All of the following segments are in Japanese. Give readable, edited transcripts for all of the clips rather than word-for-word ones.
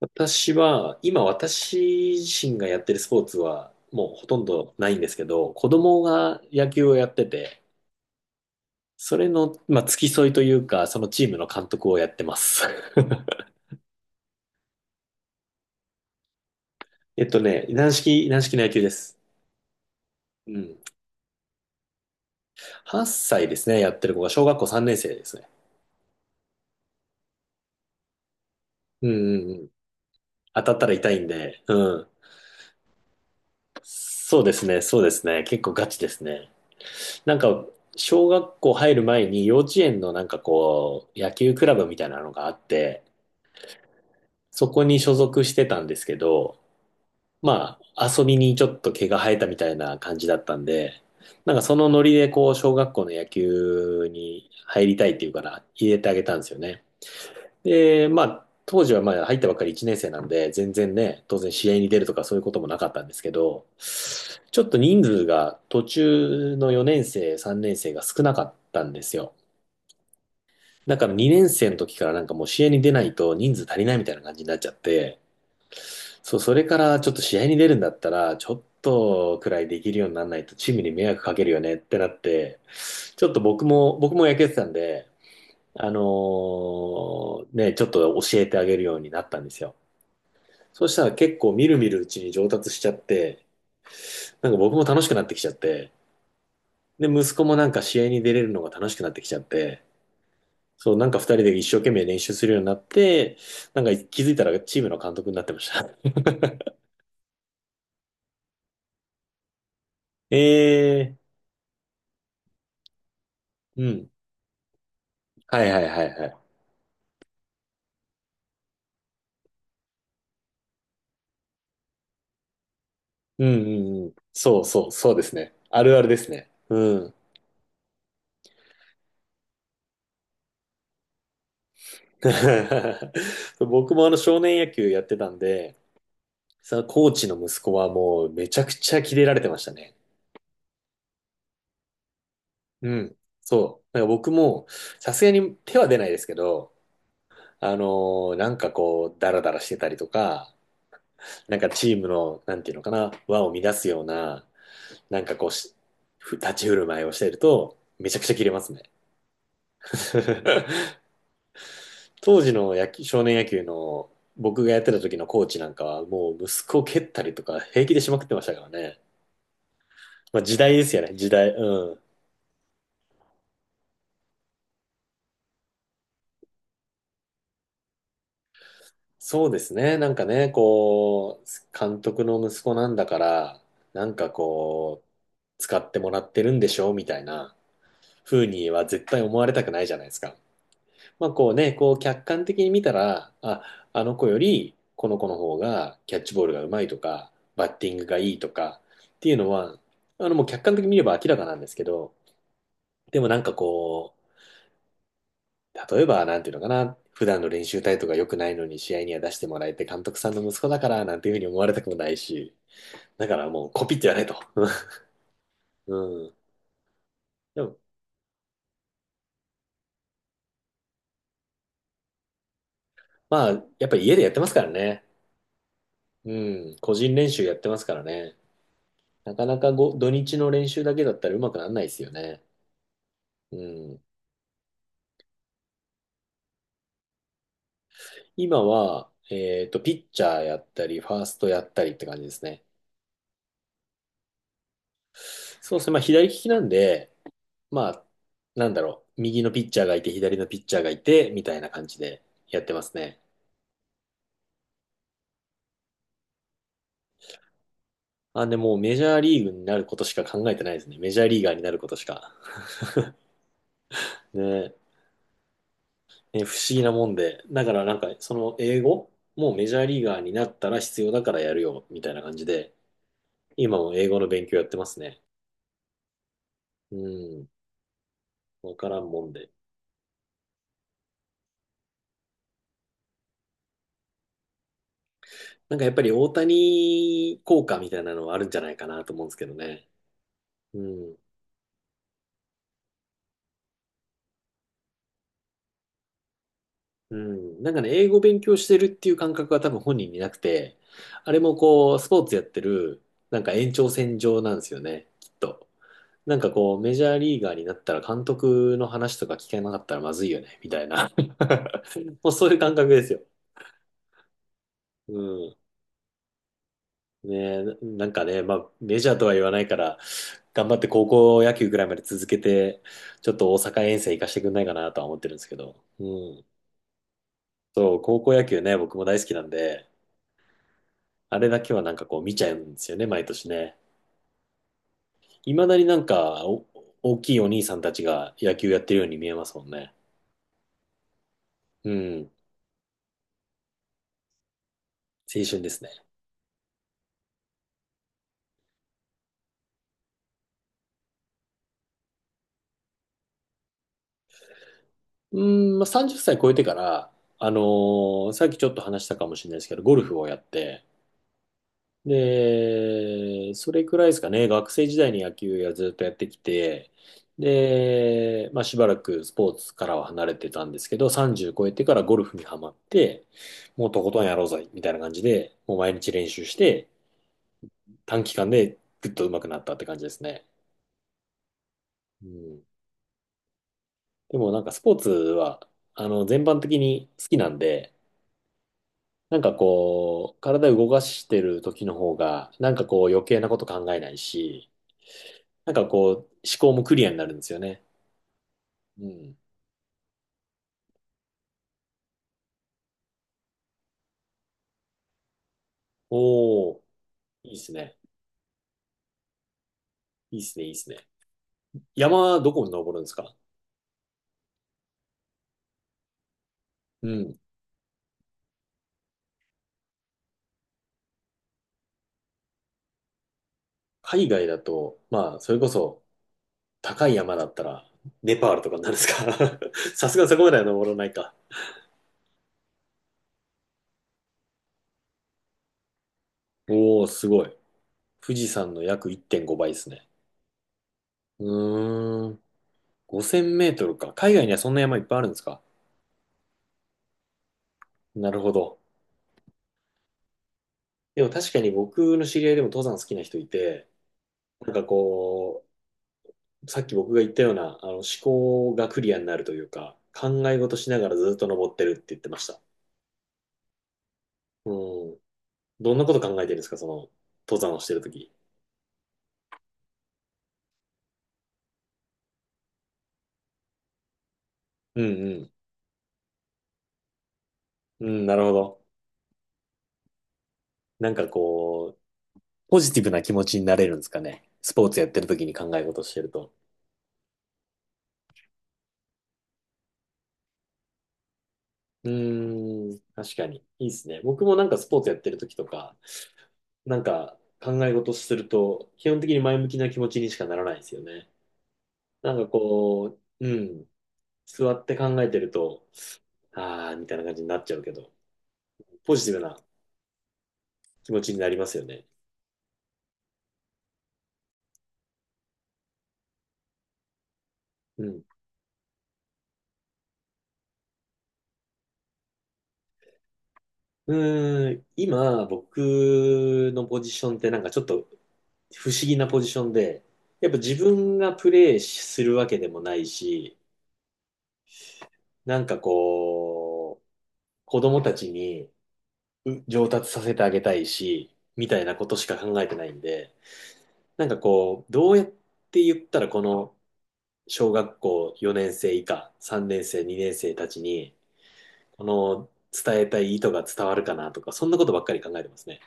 私は、今私自身がやってるスポーツはもうほとんどないんですけど、子供が野球をやってて、それの、付き添いというか、そのチームの監督をやってます。軟式軟式の野球です。うん。8歳ですね、やってる子が小学校3年生ですね。うんうんうん。当たったら痛いんで、うん。そうですね、そうですね。結構ガチですね。なんか、小学校入る前に幼稚園の野球クラブみたいなのがあって、そこに所属してたんですけど、遊びにちょっと毛が生えたみたいな感じだったんで、なんかそのノリでこう、小学校の野球に入りたいっていうから入れてあげたんですよね。で、まあ、当時はまあ入ったばっかり1年生なんで、全然ね、当然試合に出るとかそういうこともなかったんですけど、ちょっと人数が途中の4年生、3年生が少なかったんですよ。だから2年生の時からなんかもう試合に出ないと人数足りないみたいな感じになっちゃって、そう、それからちょっと試合に出るんだったら、ちょっとくらいできるようにならないとチームに迷惑かけるよねってなって、ちょっと僕も、僕も野球やってたんで、ちょっと教えてあげるようになったんですよ。そうしたら結構みるみるうちに上達しちゃって、なんか僕も楽しくなってきちゃって、で、息子もなんか試合に出れるのが楽しくなってきちゃって、そう、なんか二人で一生懸命練習するようになって、なんか気づいたらチームの監督になってました。ええー、うん。はいはいはいはい。うんうんうん。そうそう、そうですね。あるあるですね。うん。僕もあの少年野球やってたんで、そのコーチの息子はもうめちゃくちゃキレられてましたね。うん。そう。なんか僕もさすがに手は出ないですけど、なんかこう、ダラダラしてたりとか、なんかチームの、なんていうのかな、輪を乱すような、なんかこうし、ふ立ち振る舞いをしていると、めちゃくちゃキレますね。当時の少年野球の僕がやってた時のコーチなんかはもう息子を蹴ったりとか平気でしまくってましたからね。まあ時代ですよね、時代。うん。そうですね、なんかね、こう、監督の息子なんだから、なんかこう、使ってもらってるんでしょみたいな風には絶対思われたくないじゃないですか。まあこうね、こう客観的に見たら、あ、あの子よりこの子の方がキャッチボールがうまいとか、バッティングがいいとかっていうのは、あのもう客観的に見れば明らかなんですけど、でもなんかこう、例えばなんていうのかな、普段の練習態度が良くないのに試合には出してもらえて監督さんの息子だからなんていうふうに思われたくもないし、だからもうコピってやれと。うん。でも、まあやっぱり家でやってますからね。うん。個人練習やってますからね。なかなかご土日の練習だけだったらうまくならないですよね。うん。今は、ピッチャーやったり、ファーストやったりって感じですね。そうですね。まあ、左利きなんで、まあ、なんだろう。右のピッチャーがいて、左のピッチャーがいて、みたいな感じでやってますね。あ、でも、メジャーリーグになることしか考えてないですね。メジャーリーガーになることしか。ね、ね、不思議なもんで。だから、なんか、その英語もうメジャーリーガーになったら必要だからやるよ、みたいな感じで。今も英語の勉強やってますね。うん。わからんもんで。なんかやっぱり大谷効果みたいなのはあるんじゃないかなと思うんですけどね。うん。うん。なんかね、英語勉強してるっていう感覚は多分本人になくて、あれもこう、スポーツやってる、なんか延長線上なんですよね、きっと。なんかこう、メジャーリーガーになったら監督の話とか聞けなかったらまずいよね、みたいな。もうそういう感覚ですよ。うん。ね、なんかね、まあ、メジャーとは言わないから、頑張って高校野球ぐらいまで続けて、ちょっと大阪遠征行かしてくんないかなとは思ってるんですけど、うん。そう、高校野球ね、僕も大好きなんで、あれだけはなんかこう見ちゃうんですよね、毎年ね。いまだになんかお、大きいお兄さんたちが野球やってるように見えますもんね。うん、青春ですね。うん、まあ、30歳超えてから、さっきちょっと話したかもしれないですけど、ゴルフをやって、で、それくらいですかね、学生時代に野球をずっとやってきて、で、まあ、しばらくスポーツからは離れてたんですけど、30超えてからゴルフにはまって、もうとことんやろうぜ、みたいな感じで、もう毎日練習して、短期間でぐっと上手くなったって感じですね。うん。でもなんかスポーツは、あの、全般的に好きなんで、なんかこう、体動かしてる時の方が、なんかこう余計なこと考えないし、なんかこう、思考もクリアになるんですよね。うん。おー、いいですね。いいですね、いいですね。山はどこに登るんですか？うん。海外だと、まあ、それこそ高い山だったら、ネパールとかになるんですか？ さすがにそこまでは登らないか。おー、すごい。富士山の約1.5倍ですね。うーん。5000メートルか。海外にはそんな山いっぱいあるんですか？なるほど。でも確かに僕の知り合いでも登山好きな人いて、なんかこさっき僕が言ったような、あの、思考がクリアになるというか、考え事しながらずっと登ってるって言ってました。うん。どんなこと考えてるんですか、その、登山をしてるとき。うんうん。うん、なるほど。なんかこう、ポジティブな気持ちになれるんですかね。スポーツやってるときに考え事してると。うーん、確かに。いいですね。僕もなんかスポーツやってるときとか、なんか考え事すると、基本的に前向きな気持ちにしかならないですよね。なんかこう、うん、座って考えてると、あーみたいな感じになっちゃうけど、ポジティブな気持ちになりますよね。うん。うーん、今、僕のポジションってなんかちょっと不思議なポジションで、やっぱ自分がプレイするわけでもないし、なんかこう、子供たちに上達させてあげたいし、みたいなことしか考えてないんで、なんかこう、どうやって言ったらこの小学校4年生以下、3年生、2年生たちに、この伝えたい意図が伝わるかなとか、そんなことばっかり考えてますね。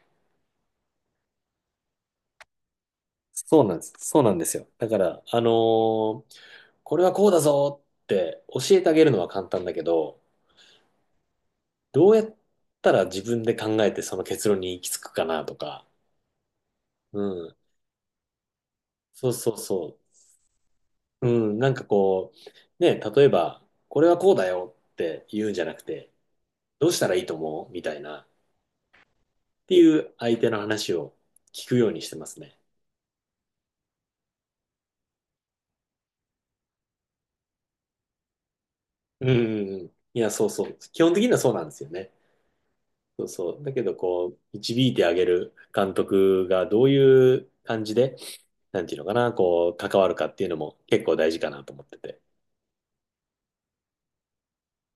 そうなんです。そうなんですよ。だから、ーこれはこうだぞって教えてあげるのは簡単だけど、どうやったら自分で考えてその結論に行き着くかなとか、うん。そうそうそう。うん。なんかこう、ね、例えば、これはこうだよって言うんじゃなくて、どうしたらいいと思うみたいな、っていう相手の話を聞くようにしてますね。うんうんうん。いや、そうそう。基本的にはそうなんですよね。そうそう。だけど、こう、導いてあげる監督がどういう感じで、なんていうのかな、こう、関わるかっていうのも結構大事かなと思ってて。